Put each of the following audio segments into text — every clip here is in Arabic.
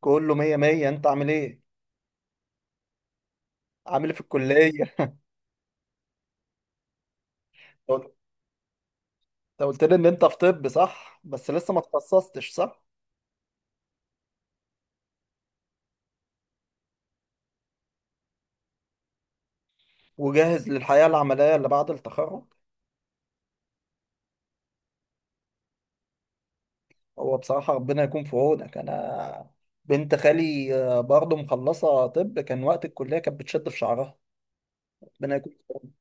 كله مية مية. انت عامل ايه؟ عامل ايه في الكلية؟ انت قلت لي ان انت في طب، صح؟ بس لسه ما تخصصتش، صح؟ وجاهز للحياة العملية اللي بعد التخرج. هو بصراحة ربنا يكون في عونك. انا بنت خالي برضه مخلصة طب، كان وقت الكلية كانت بتشد في شعرها. ربنا يكون في عونك.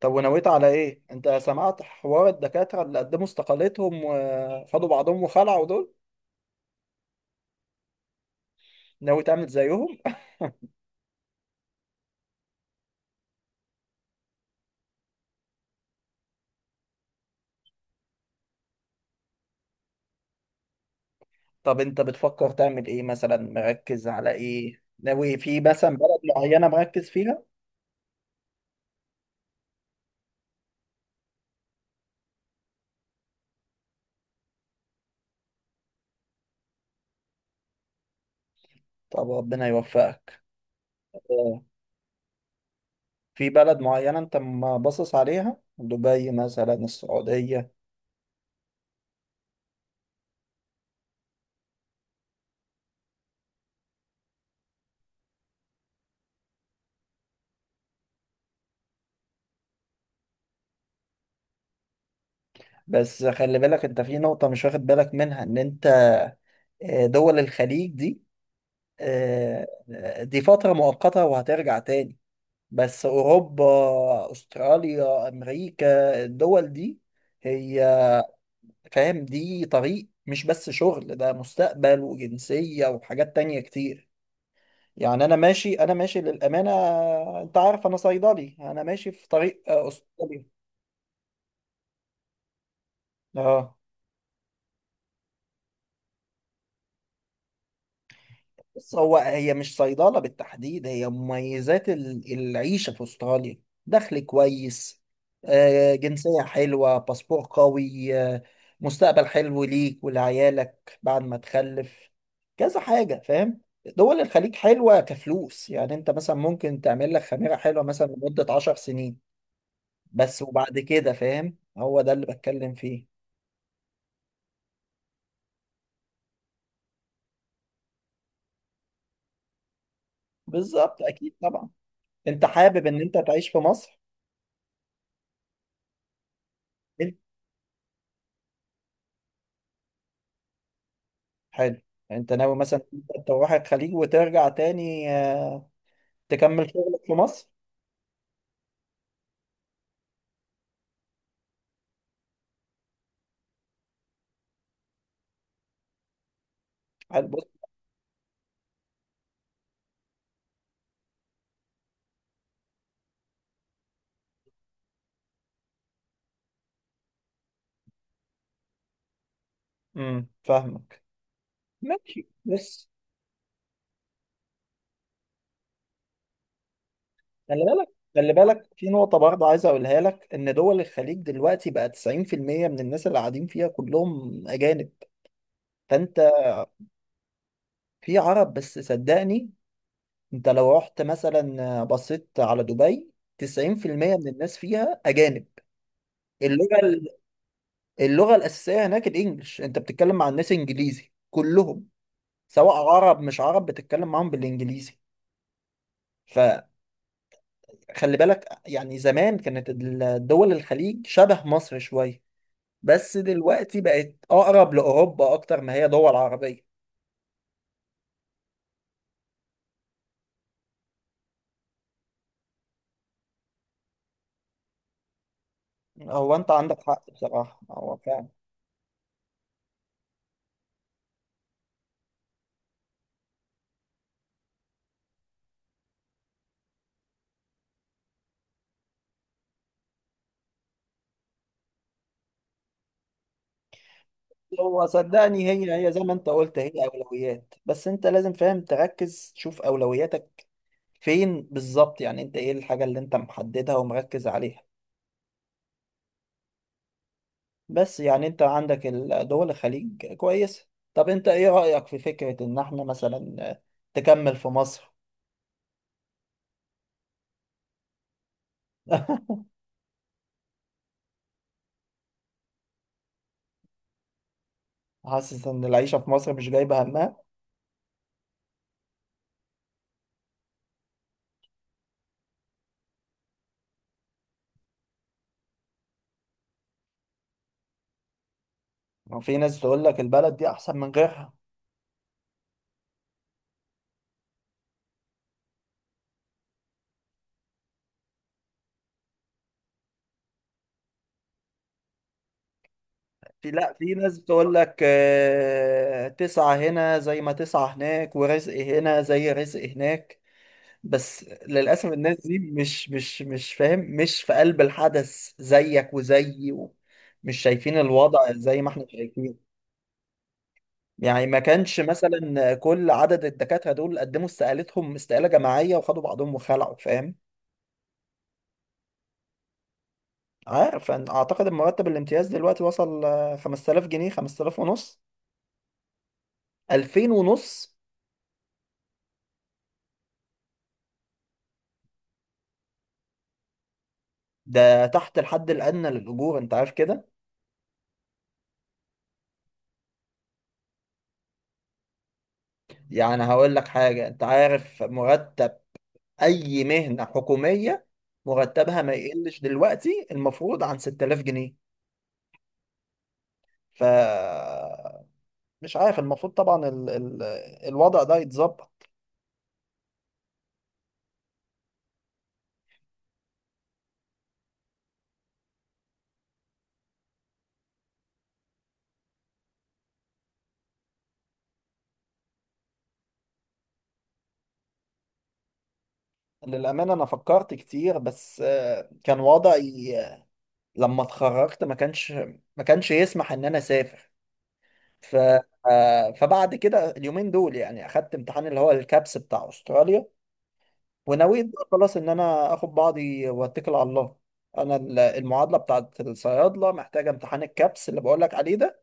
طب ونويت على ايه؟ انت سمعت حوار الدكاترة اللي قدموا استقالتهم وخدوا بعضهم وخلعوا دول؟ ناوي تعمل زيهم؟ طب انت بتفكر تعمل ايه؟ مثلا مركز على ايه؟ ناوي في مثلا بلد معينة مركز فيها؟ طب ربنا يوفقك. اه، في بلد معينة انت ما باصص عليها؟ دبي مثلا؟ السعودية؟ بس خلي بالك انت في نقطة مش واخد بالك منها، ان انت اه، دول الخليج دي، اه، دي فترة مؤقتة وهترجع تاني. بس اوروبا، استراليا، امريكا، الدول دي هي، فاهم، دي طريق، مش بس شغل، ده مستقبل وجنسية وحاجات تانية كتير. يعني أنا ماشي للأمانة. أنت عارف أنا صيدلي، أنا ماشي في طريق أسطوري. أه، بص، هو هي مش صيدلة بالتحديد، هي مميزات العيشة في أستراليا. دخل كويس، جنسية حلوة، باسبور قوي، مستقبل حلو ليك ولعيالك بعد ما تخلف، كذا حاجة، فاهم. دول الخليج حلوة كفلوس، يعني انت مثلا ممكن تعمل لك خميرة حلوة مثلا لمدة عشر سنين بس، وبعد كده، فاهم؟ هو ده اللي بتكلم فيه. بالظبط، أكيد طبعا. انت حابب ان انت تعيش في مصر. حلو. انت ناوي مثلا انت تروح الخليج وترجع تاني تكمل شغلك في مصر. حلو، بص. امم، فاهمك. ماشي بص، خلي بالك، خلي بالك في نقطة برضه عايز أقولها لك، إن دول الخليج دلوقتي بقى 90% من الناس اللي قاعدين فيها كلهم أجانب. فأنت، في عرب، بس صدقني، أنت لو رحت مثلا، بصيت على دبي، 90% من الناس فيها أجانب. اللغة اللغة الأساسية هناك الإنجليش، أنت بتتكلم مع الناس إنجليزي كلهم، سواء عرب مش عرب بتتكلم معاهم بالانجليزي. فخلي بالك، يعني زمان كانت الدول الخليج شبه مصر شوية، بس دلوقتي بقت اقرب لاوروبا اكتر ما هي دول عربية. هو انت عندك حق بصراحة، هو فعلا. هو صدقني، هي زي ما انت قلت، هي اولويات، بس انت لازم فاهم تركز تشوف اولوياتك فين بالظبط. يعني انت ايه الحاجة اللي انت محددها ومركز عليها؟ بس يعني انت عندك دول الخليج كويسة. طب انت ايه رأيك في فكرة ان احنا مثلا تكمل في مصر؟ حاسس ان العيشة في مصر مش جايبة همها. وفي ناس تقول لك البلد دي احسن من غيرها. في، لا، في ناس بتقول لك تسعة هنا زي ما تسعة هناك، ورزق هنا زي رزق هناك. بس للأسف الناس دي مش فاهم، مش في قلب الحدث زيك وزيي، مش شايفين الوضع زي ما احنا شايفين. يعني ما كانش مثلا كل عدد الدكاترة دول قدموا استقالتهم استقالة جماعية وخدوا بعضهم وخلعوا، فاهم. عارف، أنا أعتقد إن مرتب الامتياز دلوقتي وصل 5000 جنيه، 5000 ونص. 2000 ونص؟ ده تحت الحد الأدنى للأجور، أنت عارف كده. يعني هقول لك حاجة، أنت عارف مرتب أي مهنة حكومية مرتبها ما يقلش دلوقتي المفروض عن 6000 جنيه. ف مش عارف، المفروض طبعا ال الوضع ده يتظبط. للأمانة أنا فكرت كتير، بس كان وضعي لما اتخرجت ما كانش يسمح إن أنا أسافر. ف فبعد كده اليومين دول يعني أخدت امتحان اللي هو الكابس بتاع أستراليا، ونويت بقى خلاص إن أنا آخد بعضي وأتكل على الله. أنا المعادلة بتاعت الصيادلة محتاجة امتحان الكابس اللي بقولك عليه ده،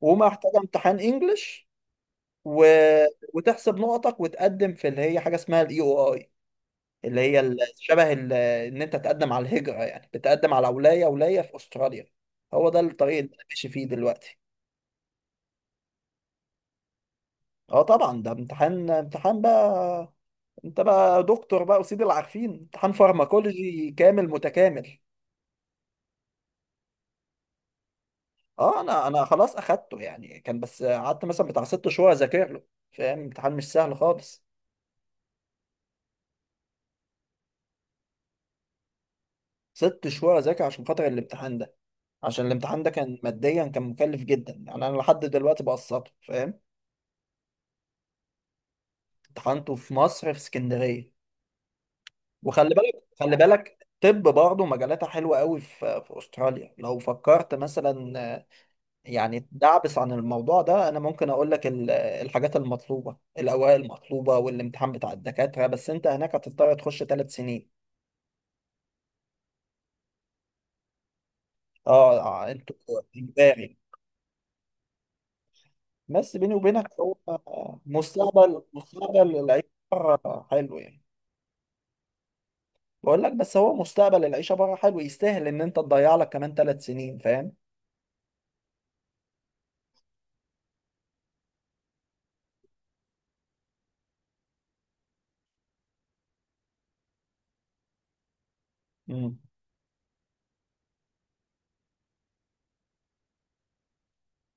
ومحتاجة امتحان إنجلش و... وتحسب نقطك وتقدم في اللي هي حاجة اسمها الإي أو آي. اللي هي شبه ان انت تقدم على الهجرة، يعني بتقدم على ولاية في استراليا. هو ده الطريق اللي انا ماشي فيه دلوقتي. اه طبعا، ده امتحان بقى، انت بقى دكتور بقى وسيد العارفين. امتحان فارماكولوجي كامل متكامل. اه، انا خلاص اخدته. يعني كان، بس قعدت مثلا بتاع ست شهور اذاكر له. فاهم، امتحان مش سهل خالص. ست شهور اذاكر عشان خاطر الامتحان ده. عشان الامتحان ده كان ماديا كان مكلف جدا، يعني انا لحد دلوقتي بقسطه، فاهم. امتحنته في مصر في اسكندرية. وخلي بالك، خلي بالك، طب برضه مجالاتها حلوة قوي في في أستراليا لو فكرت مثلا يعني تدعبس عن الموضوع ده، أنا ممكن أقول لك الحاجات المطلوبة، الأوراق المطلوبة والامتحان بتاع الدكاترة، بس أنت هناك هتضطر تخش ثلاث سنين. أه أنتوا، إجباري. بس بيني وبينك، هو مستقبل، مستقبل العيشة بره حلو يعني. بقول لك، بس هو مستقبل العيشة بره حلو، يستاهل إن أنت تضيع لك كمان ثلاث سنين، فاهم؟ مم.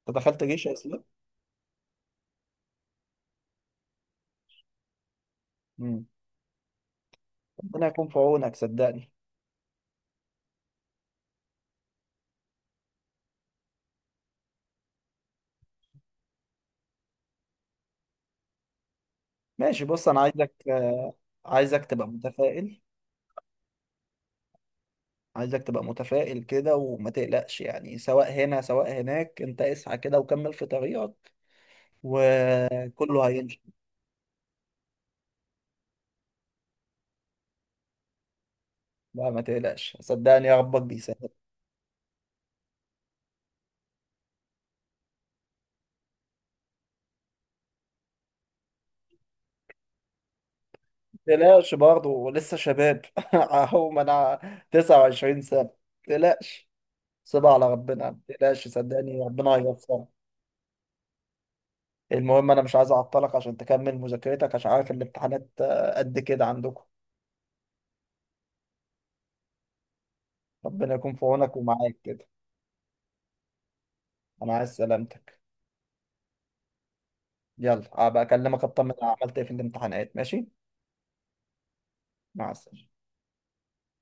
أنت دخلت جيش يا إسلام؟ ربنا يكون في عونك صدقني. ماشي بص، انا عايزك، عايزك تبقى متفائل. عايزك تبقى متفائل كده وما تقلقش. يعني سواء هنا سواء هناك، انت اسعى كده وكمل في طريقك وكله هيمشي. لا، ما تقلقش، صدقني، يا ربك بيسهل. ما تقلقش، برضه لسه شباب. اهو ما انا 29 سنة. ما تقلقش، سيبها على ربنا، ما تقلقش، صدقني، ربنا هيوفقك. المهم انا مش عايز اعطلك عشان تكمل مذاكرتك، عشان عارف الامتحانات قد كده عندكم. ربنا يكون في عونك ومعاك كده. انا عايز سلامتك. يلا ابقى اكلمك اطمن أنا عملت ايه في الامتحانات. ماشي، مع السلامه.